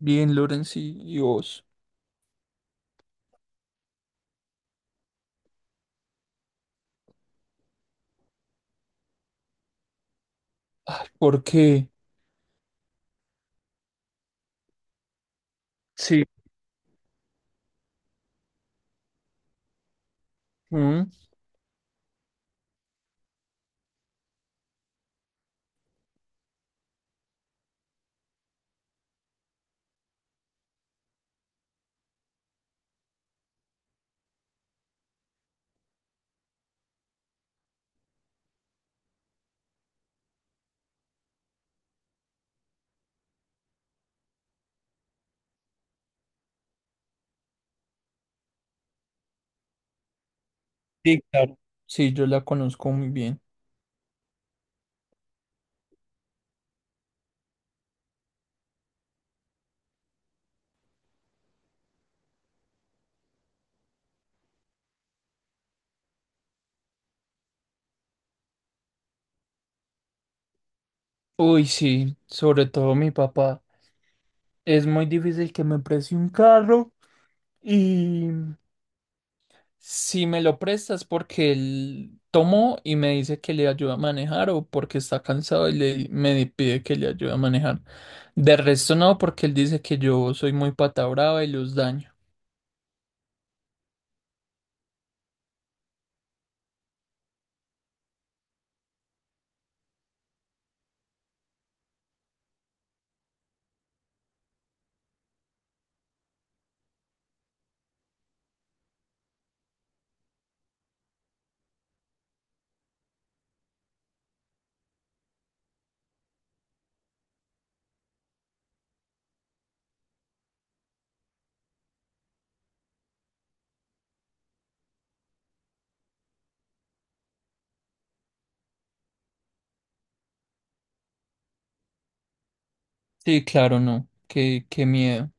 Bien, Lorenz y vos. Ay, ¿por qué? Sí. ¿Mm? Sí, claro. Sí, yo la conozco muy bien. Uy, sí, sobre todo mi papá. Es muy difícil que me preste un carro y si me lo prestas porque él tomó y me dice que le ayuda a manejar o porque está cansado me pide que le ayude a manejar. De resto no, porque él dice que yo soy muy pata brava y los daño. Sí, claro, no. Qué miedo.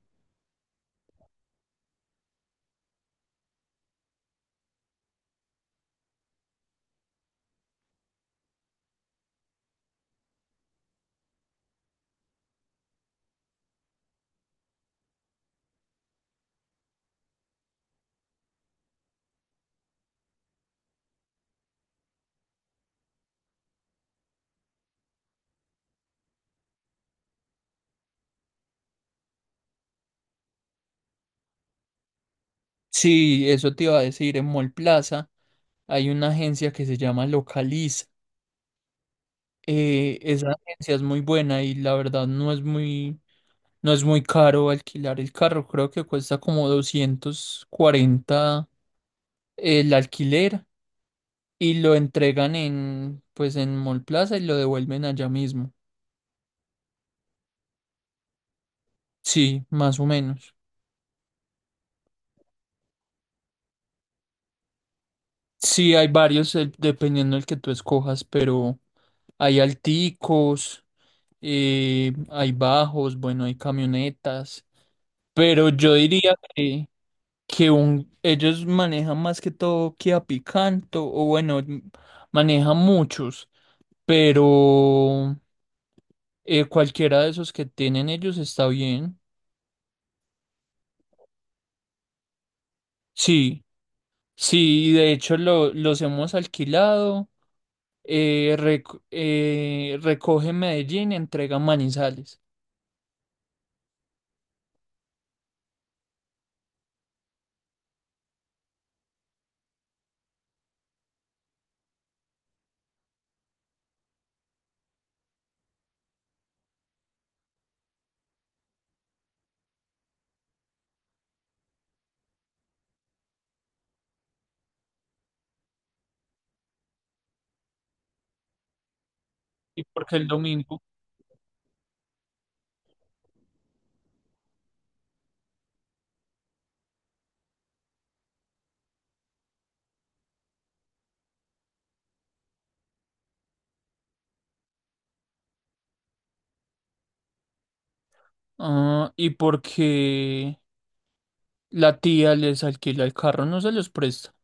Sí, eso te iba a decir, en Mall Plaza hay una agencia que se llama Localiz. Esa agencia es muy buena y la verdad no es muy caro alquilar el carro. Creo que cuesta como 240 el alquiler y lo entregan en, pues en Mall Plaza y lo devuelven allá mismo. Sí, más o menos. Sí, hay varios dependiendo del que tú escojas, pero hay alticos, hay bajos, bueno, hay camionetas. Pero yo diría que ellos manejan más que todo Kia Picanto, o bueno, manejan muchos, pero cualquiera de esos que tienen ellos está bien. Sí, sí, de hecho los hemos alquilado, recoge en Medellín, entrega en Manizales. Y porque el domingo, ah, y porque la tía les alquila el carro, no se los presta.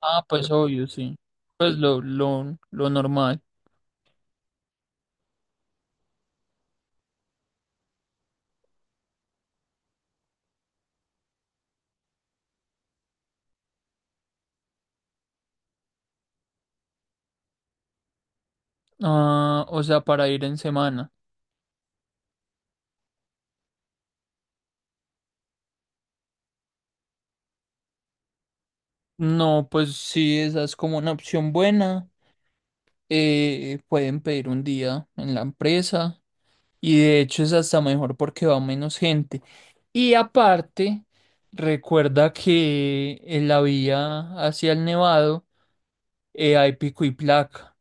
Ah, pues obvio, sí. Pues lo normal. Ah, o sea, para ir en semana. No, pues sí, esa es como una opción buena. Pueden pedir un día en la empresa y de hecho es hasta mejor porque va menos gente. Y aparte, recuerda que en la vía hacia el Nevado hay pico y placa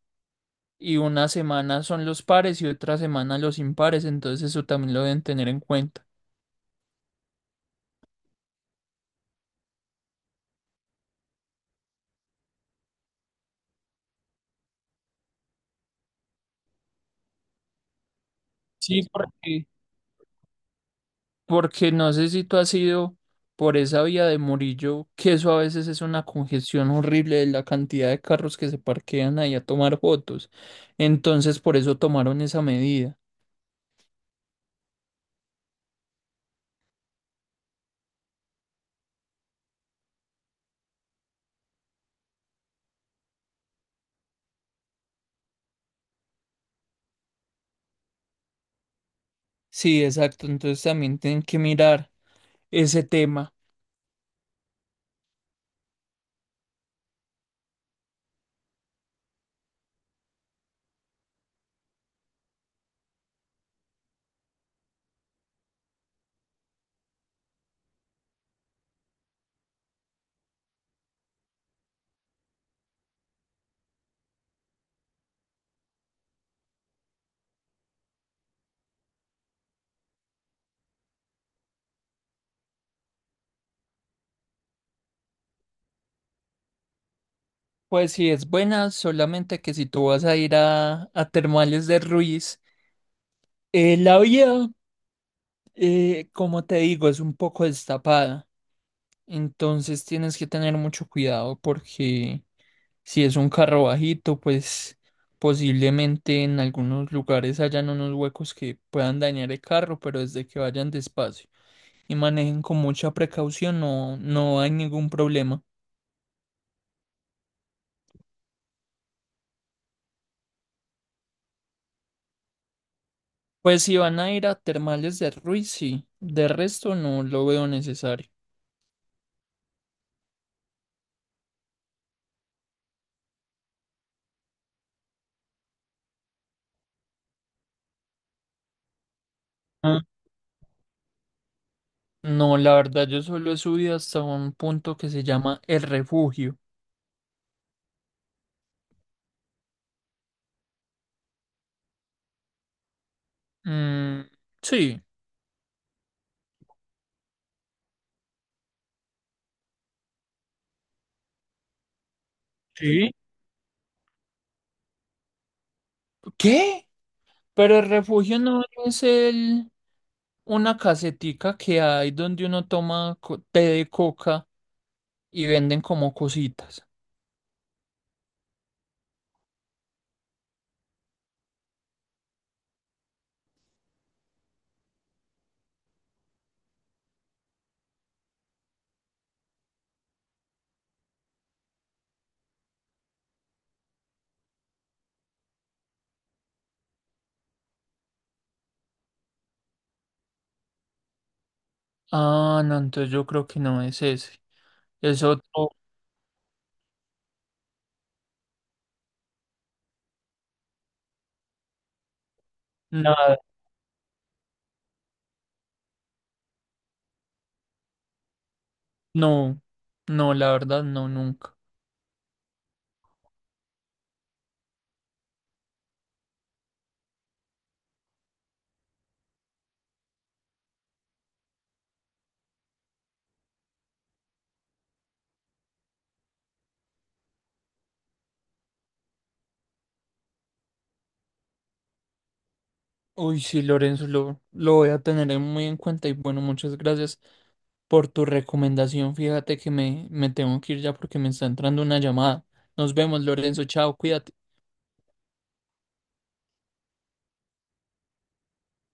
y una semana son los pares y otra semana los impares, entonces eso también lo deben tener en cuenta. Sí, porque Porque no sé si tú has ido por esa vía de Murillo, que eso a veces es una congestión horrible de la cantidad de carros que se parquean ahí a tomar fotos. Entonces, por eso tomaron esa medida. Sí, exacto. Entonces también tienen que mirar ese tema. Pues sí, es buena, solamente que si tú vas a ir a Termales de Ruiz, la vía, como te digo, es un poco destapada. Entonces tienes que tener mucho cuidado porque si es un carro bajito, pues posiblemente en algunos lugares hayan unos huecos que puedan dañar el carro, pero desde que vayan despacio y manejen con mucha precaución, no, no hay ningún problema. Pues si van a ir a Termales de Ruiz, sí. De resto no lo veo necesario. Ah. No, la verdad, yo solo he subido hasta un punto que se llama El Refugio. Mm, sí. ¿Sí? ¿Qué? Pero el refugio no es el una casetica que hay donde uno toma té de coca y venden como cositas. Ah, no, entonces yo creo que no es ese. Es otro, nada, no, no, la verdad, no, nunca. Uy, sí, Lorenzo, lo voy a tener muy en cuenta y bueno, muchas gracias por tu recomendación. Fíjate que me tengo que ir ya porque me está entrando una llamada. Nos vemos, Lorenzo, chao, cuídate.